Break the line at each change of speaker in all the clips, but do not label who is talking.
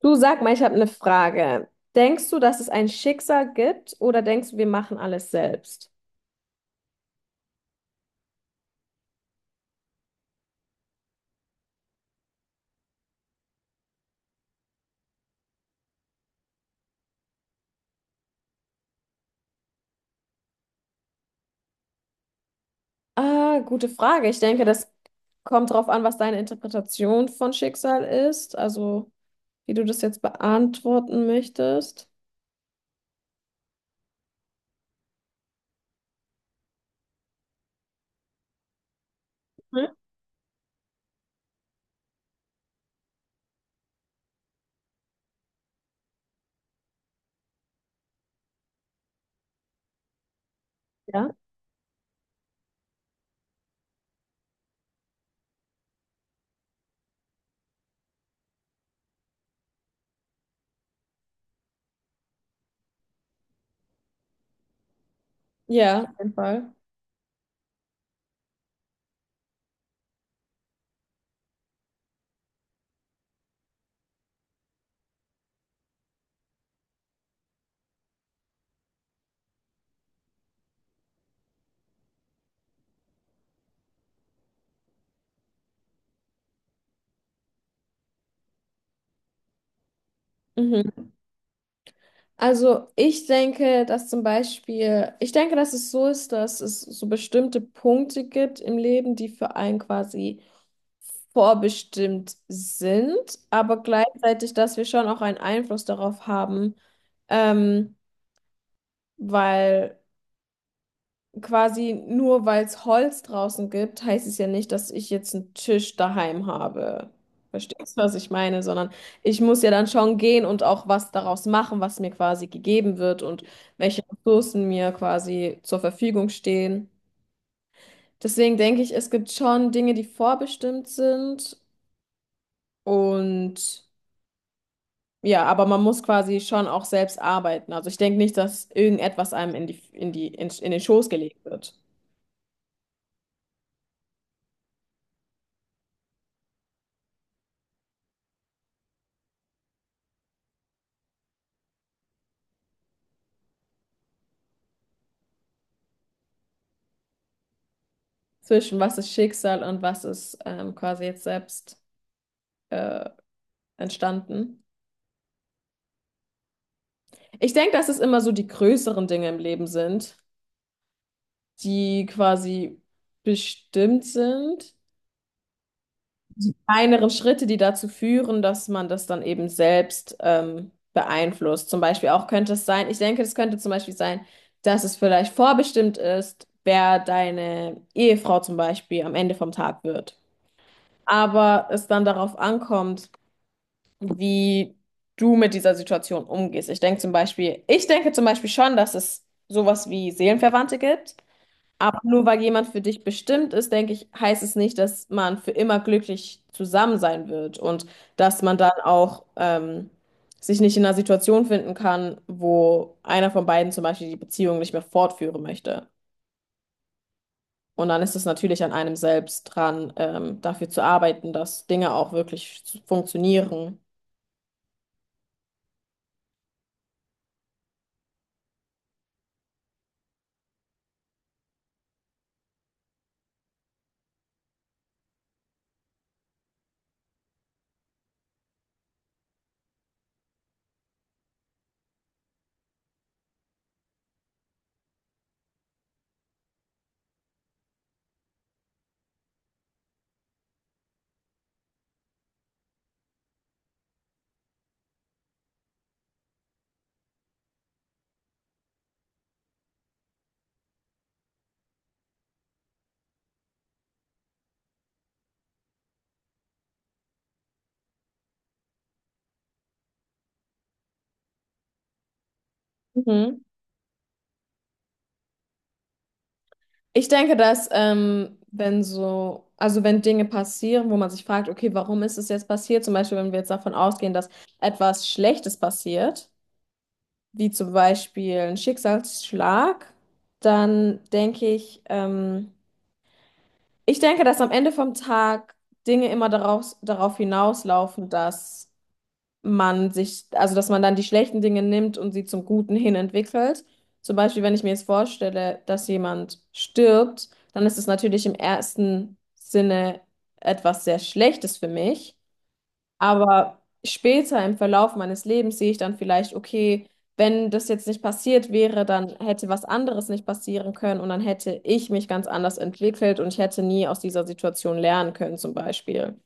Du, sag mal, ich habe eine Frage. Denkst du, dass es ein Schicksal gibt oder denkst du, wir machen alles selbst? Ah, gute Frage. Ich denke, das kommt darauf an, was deine Interpretation von Schicksal ist, also wie du das jetzt beantworten möchtest. Hm? Ja. Ja, auf jeden Fall. Mhm. Ich denke, dass es so ist, dass es so bestimmte Punkte gibt im Leben, die für einen quasi vorbestimmt sind, aber gleichzeitig, dass wir schon auch einen Einfluss darauf haben, ähm, weil quasi, nur weil es Holz draußen gibt, heißt es ja nicht, dass ich jetzt einen Tisch daheim habe. Verstehst du, was ich meine? Sondern ich muss ja dann schon gehen und auch was daraus machen, was mir quasi gegeben wird und welche Ressourcen mir quasi zur Verfügung stehen. Deswegen denke ich, es gibt schon Dinge, die vorbestimmt sind, und ja, aber man muss quasi schon auch selbst arbeiten. Also ich denke nicht, dass irgendetwas einem in den Schoß gelegt wird. Zwischen was ist Schicksal und was ist quasi jetzt selbst äh, entstanden. Ich denke, dass es immer so die größeren Dinge im Leben sind, die quasi bestimmt sind. Kleinere Schritte, die dazu führen, dass man das dann eben selbst beeinflusst. Zum Beispiel auch könnte es sein, ich denke, Es könnte zum Beispiel sein, dass es vielleicht vorbestimmt ist, wer deine Ehefrau zum Beispiel am Ende vom Tag wird. Aber es dann darauf ankommt, wie du mit dieser Situation umgehst. Ich denke zum Beispiel schon, dass es sowas wie Seelenverwandte gibt. Aber nur weil jemand für dich bestimmt ist, denke ich, heißt es nicht, dass man für immer glücklich zusammen sein wird und dass man dann auch sich nicht in einer Situation finden kann, wo einer von beiden zum Beispiel die Beziehung nicht mehr fortführen möchte. Und dann ist es natürlich an einem selbst dran, dafür zu arbeiten, dass Dinge auch wirklich funktionieren. Mhm. Ich denke, dass wenn so, also wenn Dinge passieren, wo man sich fragt, okay, warum ist es jetzt passiert? Zum Beispiel, wenn wir jetzt davon ausgehen, dass etwas Schlechtes passiert, wie zum Beispiel ein Schicksalsschlag, dann denke ich, dass am Ende vom Tag Dinge immer darauf hinauslaufen, dass man sich, also dass man dann die schlechten Dinge nimmt und sie zum Guten hin entwickelt. Zum Beispiel, wenn ich mir jetzt vorstelle, dass jemand stirbt, dann ist es natürlich im ersten Sinne etwas sehr Schlechtes für mich. Aber später im Verlauf meines Lebens sehe ich dann vielleicht, okay, wenn das jetzt nicht passiert wäre, dann hätte was anderes nicht passieren können und dann hätte ich mich ganz anders entwickelt und ich hätte nie aus dieser Situation lernen können, zum Beispiel.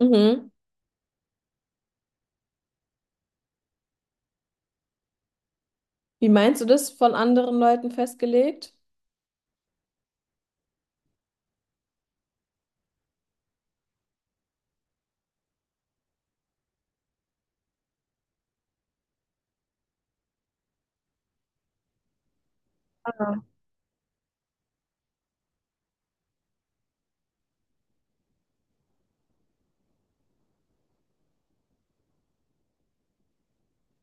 Mhm. Wie meinst du das, von anderen Leuten festgelegt?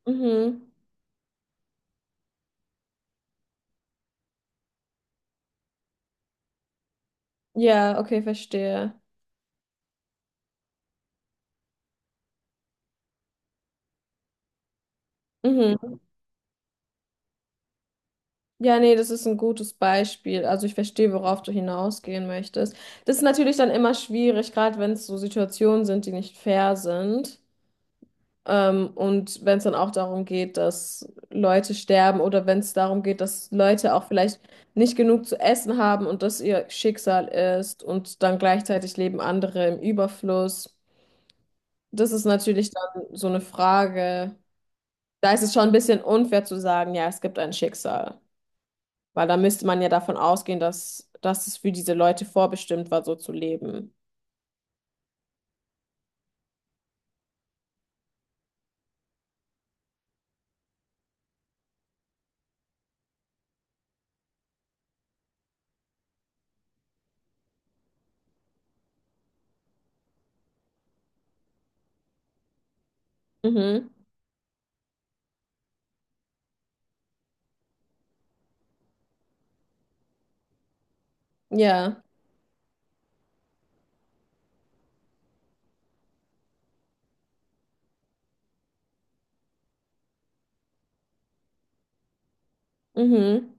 Mhm. Ja, okay, verstehe. Mhm. Ja, nee, das ist ein gutes Beispiel. Also ich verstehe, worauf du hinausgehen möchtest. Das ist natürlich dann immer schwierig, gerade wenn es so Situationen sind, die nicht fair sind. Und wenn es dann auch darum geht, dass Leute sterben, oder wenn es darum geht, dass Leute auch vielleicht nicht genug zu essen haben und das ihr Schicksal ist und dann gleichzeitig leben andere im Überfluss. Das ist natürlich dann so eine Frage. Da ist es schon ein bisschen unfair zu sagen, ja, es gibt ein Schicksal, weil da müsste man ja davon ausgehen, dass es für diese Leute vorbestimmt war, so zu leben. Mhm. Ja. Mhm.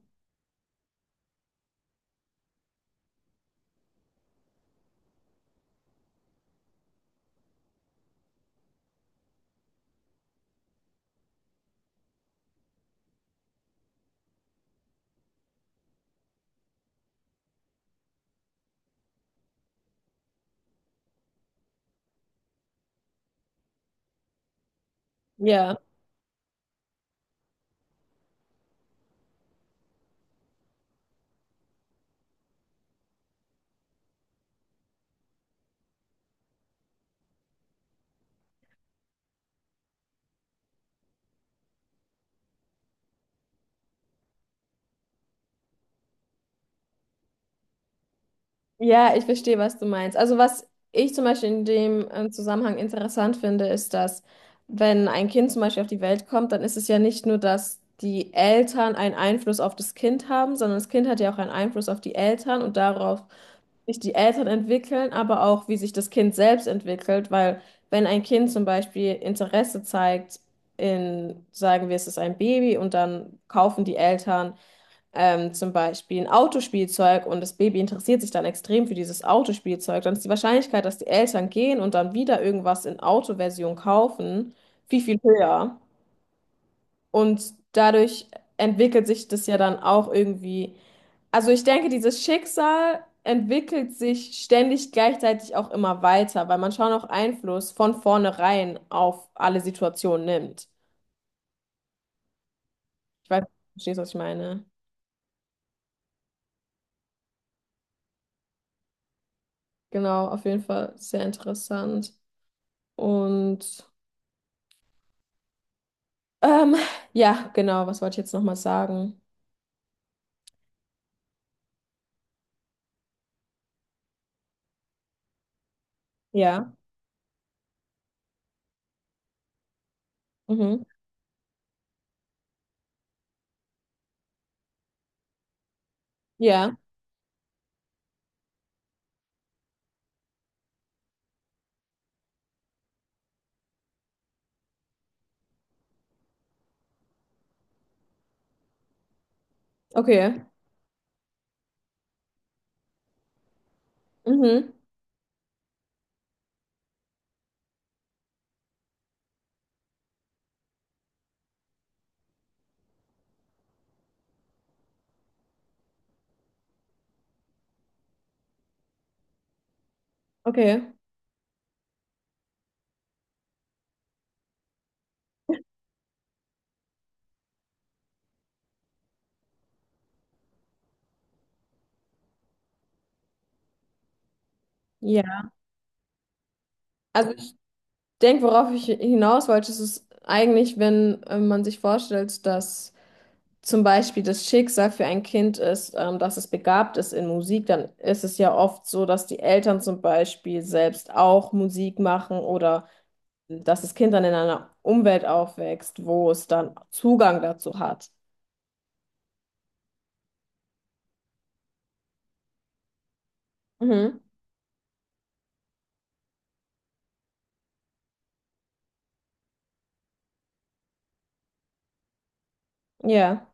Ja. Ja, ich verstehe, was du meinst. Also was ich zum Beispiel in dem Zusammenhang interessant finde, ist, dass wenn ein Kind zum Beispiel auf die Welt kommt, dann ist es ja nicht nur, dass die Eltern einen Einfluss auf das Kind haben, sondern das Kind hat ja auch einen Einfluss auf die Eltern und darauf, wie sich die Eltern entwickeln, aber auch, wie sich das Kind selbst entwickelt, weil wenn ein Kind zum Beispiel Interesse zeigt in, sagen wir, es ist ein Baby, und dann kaufen die Eltern zum Beispiel ein Autospielzeug und das Baby interessiert sich dann extrem für dieses Autospielzeug, dann ist die Wahrscheinlichkeit, dass die Eltern gehen und dann wieder irgendwas in Autoversion kaufen, viel höher. Und dadurch entwickelt sich das ja dann auch irgendwie. Also ich denke, dieses Schicksal entwickelt sich ständig, gleichzeitig auch immer weiter, weil man schon auch Einfluss von vornherein auf alle Situationen nimmt. Ich weiß, du verstehst, was ich meine. Genau, auf jeden Fall sehr interessant. Und Ähm, ja, genau, was wollte ich jetzt nochmal sagen? Ja, mhm. Ja, okay. Mhm. Okay. Ja. Also ich denke, worauf ich hinaus wollte, ist es eigentlich, wenn man sich vorstellt, dass zum Beispiel das Schicksal für ein Kind ist, dass es begabt ist in Musik, dann ist es ja oft so, dass die Eltern zum Beispiel selbst auch Musik machen oder dass das Kind dann in einer Umwelt aufwächst, wo es dann Zugang dazu hat. Mhm. Ja.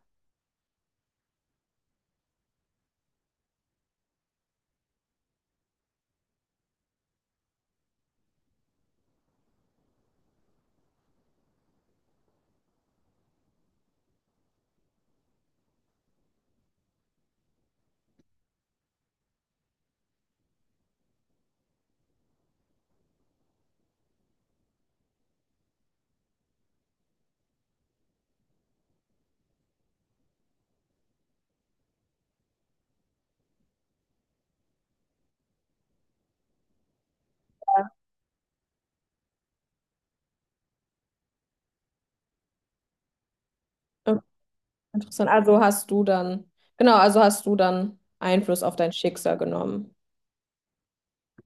Interessant. Genau, also hast du dann Einfluss auf dein Schicksal genommen.